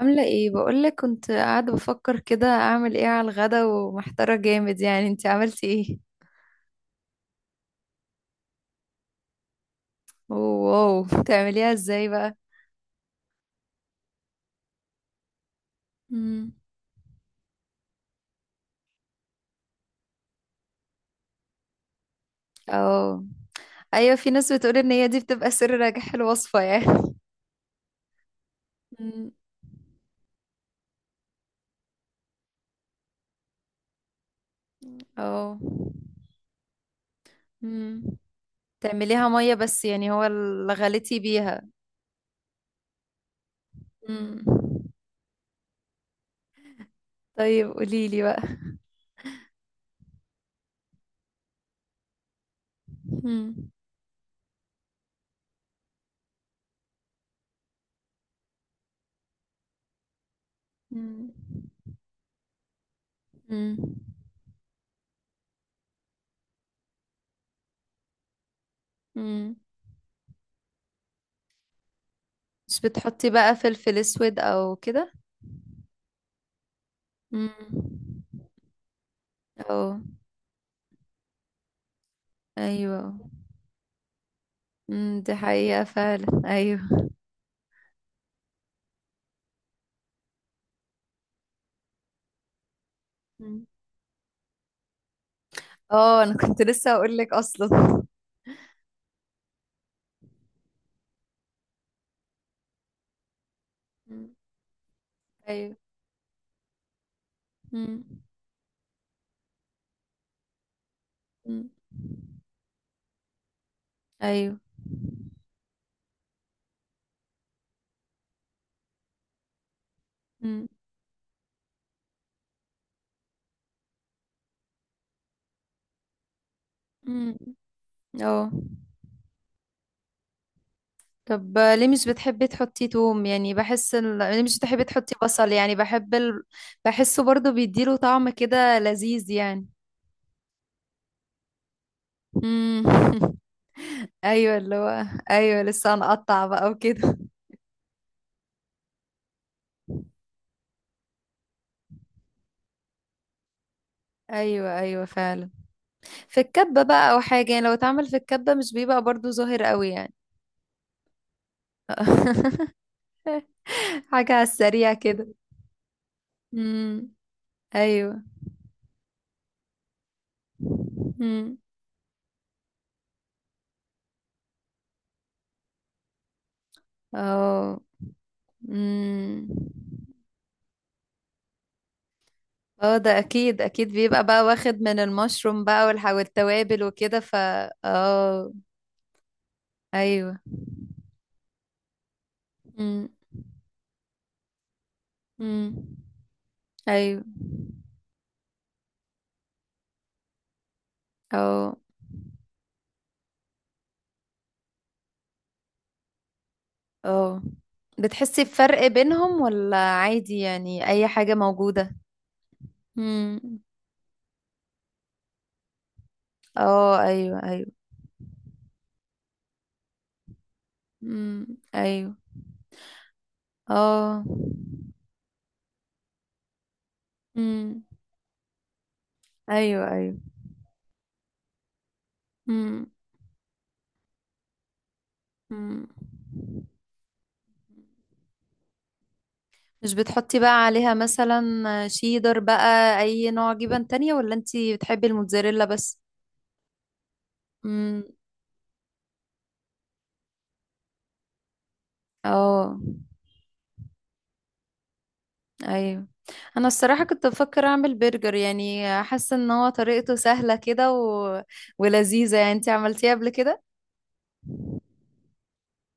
عاملة ايه؟ بقولك كنت قاعدة بفكر كده، اعمل ايه على الغدا، ومحتارة جامد يعني. انتي عملتي ايه؟ واو، بتعمليها ازاي بقى؟ مم. اه، ايوه في ناس بتقول ان هي دي بتبقى سر نجاح الوصفة يعني. مم. اه. مم. تعمليها مية بس يعني، هو اللي غليتي بيها؟ مم. طيب قوليلي بقى. مم. مم. مم. مم. مش بتحطي بقى فلفل اسود او كده؟ مم. اه ايوه. امم، دي حقيقة فعلا. ايوه. مم. اه، انا كنت لسه هقول لك اصلا. مم. ايوه. امم امم. ايوه. امم امم. اه. طب ليه مش بتحبي تحطي توم؟ يعني ليه مش بتحبي تحطي بصل؟ يعني بحسه برضو بيديله طعم كده لذيذ يعني. امم. ايوه، اللي هو ايوه لسه هنقطع بقى وكده. ايوه ايوه فعلا. في الكبة بقى أو حاجة يعني، لو اتعمل في الكبة مش بيبقى برضو ظاهر قوي يعني. حاجة على السريع كده. امم. أيوه. امم. اه. امم. اه، ده أكيد أكيد بيبقى بقى واخد من المشروم بقى والتوابل وكده اه. أيوه. امم امم أيوه. اه اه، بتحسي بفرق بينهم ولا عادي يعني أي حاجة موجودة؟ اه ايوه ايوه. امم ايوه اه امم ايوه ايوه امم امم. مش بتحطي بقى عليها مثلا شيدر بقى، اي نوع جبن تانية، ولا انتي بتحبي الموتزاريلا بس؟ أمم. اه ايوه. انا الصراحة كنت بفكر اعمل برجر، يعني حاسة ان هو طريقته سهلة كده ولذيذة يعني. انتي عملتيه قبل كده؟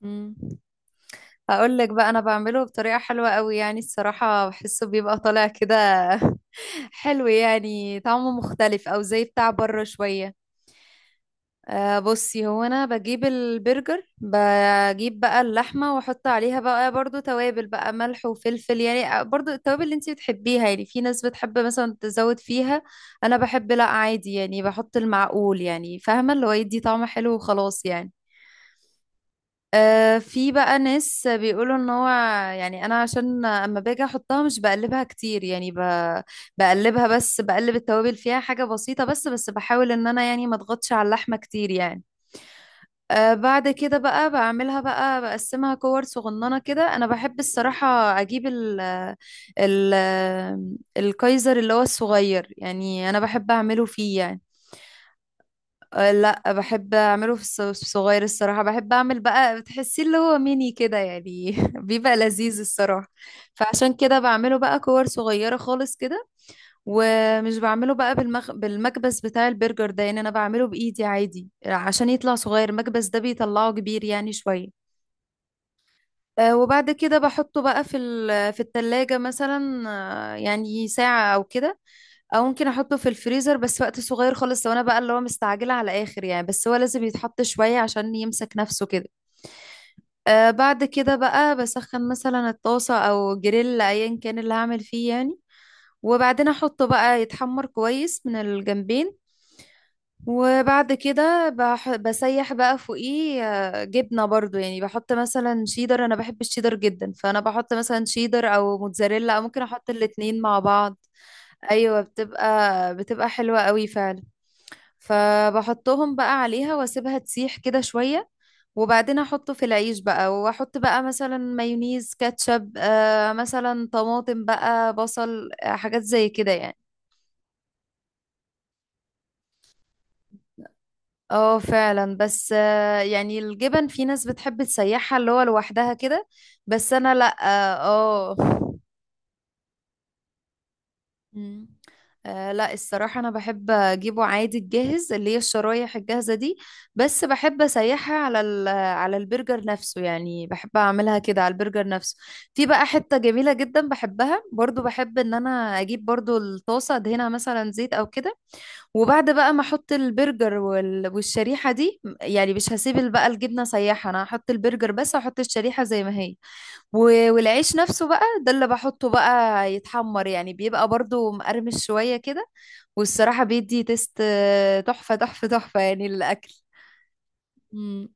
مم. هقول لك بقى، انا بعمله بطريقة حلوة قوي يعني. الصراحة بحسه بيبقى طالع كده حلو، يعني طعمه مختلف او زي بتاع بره شوية. بصي، هو انا بجيب البرجر، بجيب بقى اللحمة واحط عليها بقى برضو توابل بقى ملح وفلفل يعني. برضو التوابل اللي انتي بتحبيها يعني. في ناس بتحب مثلا تزود فيها. انا بحب لا عادي يعني، بحط المعقول يعني، فاهمة اللي هو يدي طعم حلو وخلاص يعني. في بقى ناس بيقولوا ان هو يعني، انا عشان اما باجي احطها مش بقلبها كتير يعني بقلبها بس، بقلب التوابل فيها حاجة بسيطة بس بحاول ان انا يعني ما اضغطش على اللحمة كتير يعني. بعد كده بقى بعملها بقى، بقسمها كور صغننة كده. انا بحب الصراحة اجيب ال ال الكايزر اللي هو الصغير يعني. انا بحب اعمله فيه يعني. لا، بحب اعمله في الصغير الصراحه بحب اعمل بقى، بتحسيه اللي هو ميني كده يعني. بيبقى لذيذ الصراحه. فعشان كده بعمله بقى كور صغيره خالص كده. ومش بعمله بقى بالمكبس بتاع البرجر ده، يعني انا بعمله بايدي عادي عشان يطلع صغير. المكبس ده بيطلعه كبير يعني شويه. وبعد كده بحطه بقى في التلاجة مثلا. يعني ساعة أو كده، او ممكن احطه في الفريزر بس وقت صغير خالص، لو انا بقى اللي هو مستعجله على اخر يعني. بس هو لازم يتحط شويه عشان يمسك نفسه كده. بعد كده بقى بسخن مثلا الطاسه او جريل، ايا كان اللي هعمل فيه يعني. وبعدين احطه بقى يتحمر كويس من الجنبين. وبعد كده بسيح بقى فوقيه جبنه برضو يعني. بحط مثلا شيدر، انا بحب الشيدر جدا، فانا بحط مثلا شيدر او موتزاريلا، او ممكن احط الاتنين مع بعض. ايوه، بتبقى حلوه قوي فعلا. فبحطهم بقى عليها واسيبها تسيح كده شوية. وبعدين احطه في العيش بقى، واحط بقى مثلا مايونيز، كاتشب، مثلا طماطم بقى، بصل، حاجات زي كده يعني. اه فعلا. بس يعني الجبن، في ناس بتحب تسيحها اللي هو لوحدها كده. بس انا لا. اه آه. مم. لا، الصراحة أنا بحب أجيبه عادي الجاهز، اللي هي الشرايح الجاهزة دي. بس بحب أسيحها على على البرجر نفسه يعني. بحب أعملها كده على البرجر نفسه. في بقى حتة جميلة جدا بحبها برضو، بحب إن أنا أجيب برضو الطاسة أدهنها مثلا زيت أو كده. وبعد بقى ما أحط البرجر والشريحة دي يعني، مش هسيب بقى الجبنة سايحة. أنا هحط البرجر بس، هحط الشريحة زي ما هي. والعيش نفسه بقى ده اللي بحطه بقى يتحمر، يعني بيبقى برضو مقرمش شوية كده. والصراحة بيدي تيست تحفة تحفة تحفة يعني الأكل. مم.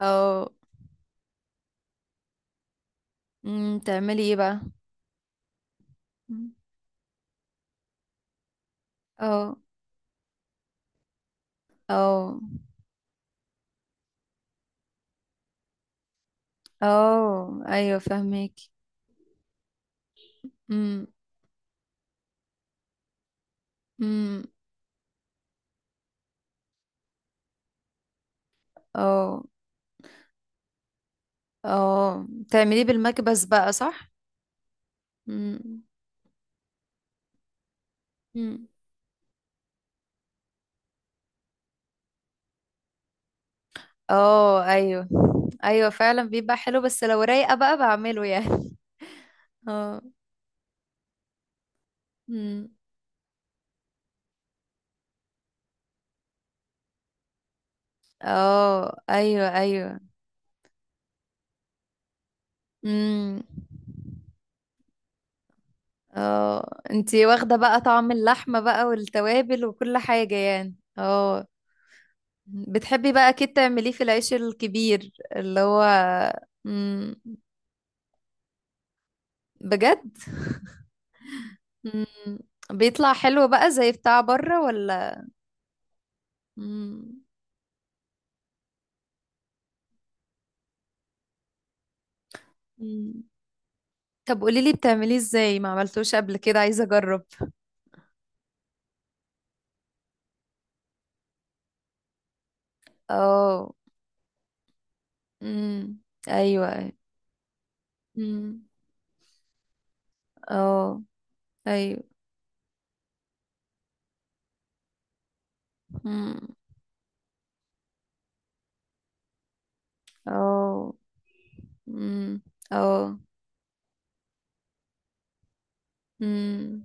اه. مم، تعملي ايه بقى؟ مم. اه اه اه ايوه، فهمك. امم امم اه اه، تعمليه بالمكبس بقى صح؟ امم امم اه ايوه ايوه فعلا، بيبقى حلو بس لو رايقة بقى بعمله يعني. اه. امم اه ايوه ايوه امم. اه، انتي واخدة بقى طعم اللحمة بقى والتوابل وكل حاجة يعني. اه، بتحبي بقى اكيد تعمليه في العيش الكبير اللي هو. امم. بجد؟ امم. بيطلع حلو بقى زي بتاع بره ولا؟ امم امم. طب قوليلي بتعمليه ازاي، ما عملتوش قبل كده، عايزة اجرب. اه امم ايوه امم اه ايوه. مم. اه امم اه امم.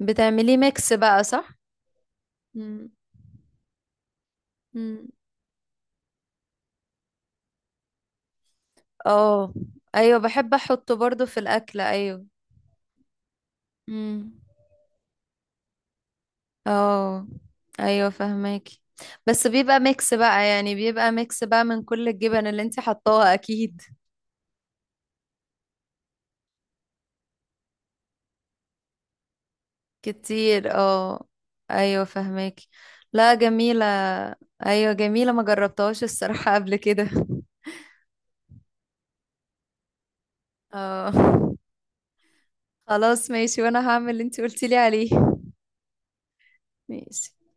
بتعمليه ميكس بقى صح؟ امم امم اه ايوه، بحب احطه برضو في الاكل ايوه. امم اه ايوه فهماكي. بس بيبقى ميكس بقى يعني، بيبقى ميكس بقى من كل الجبن اللي انت حطاها اكيد. كتير اه. ايوه فهماكي. لا، جميلة. ايوه جميلة، ما جربتهاش الصراحة قبل كده. اه. خلاص ماشي، وانا هعمل اللي انت قلتي لي عليه. ماشي.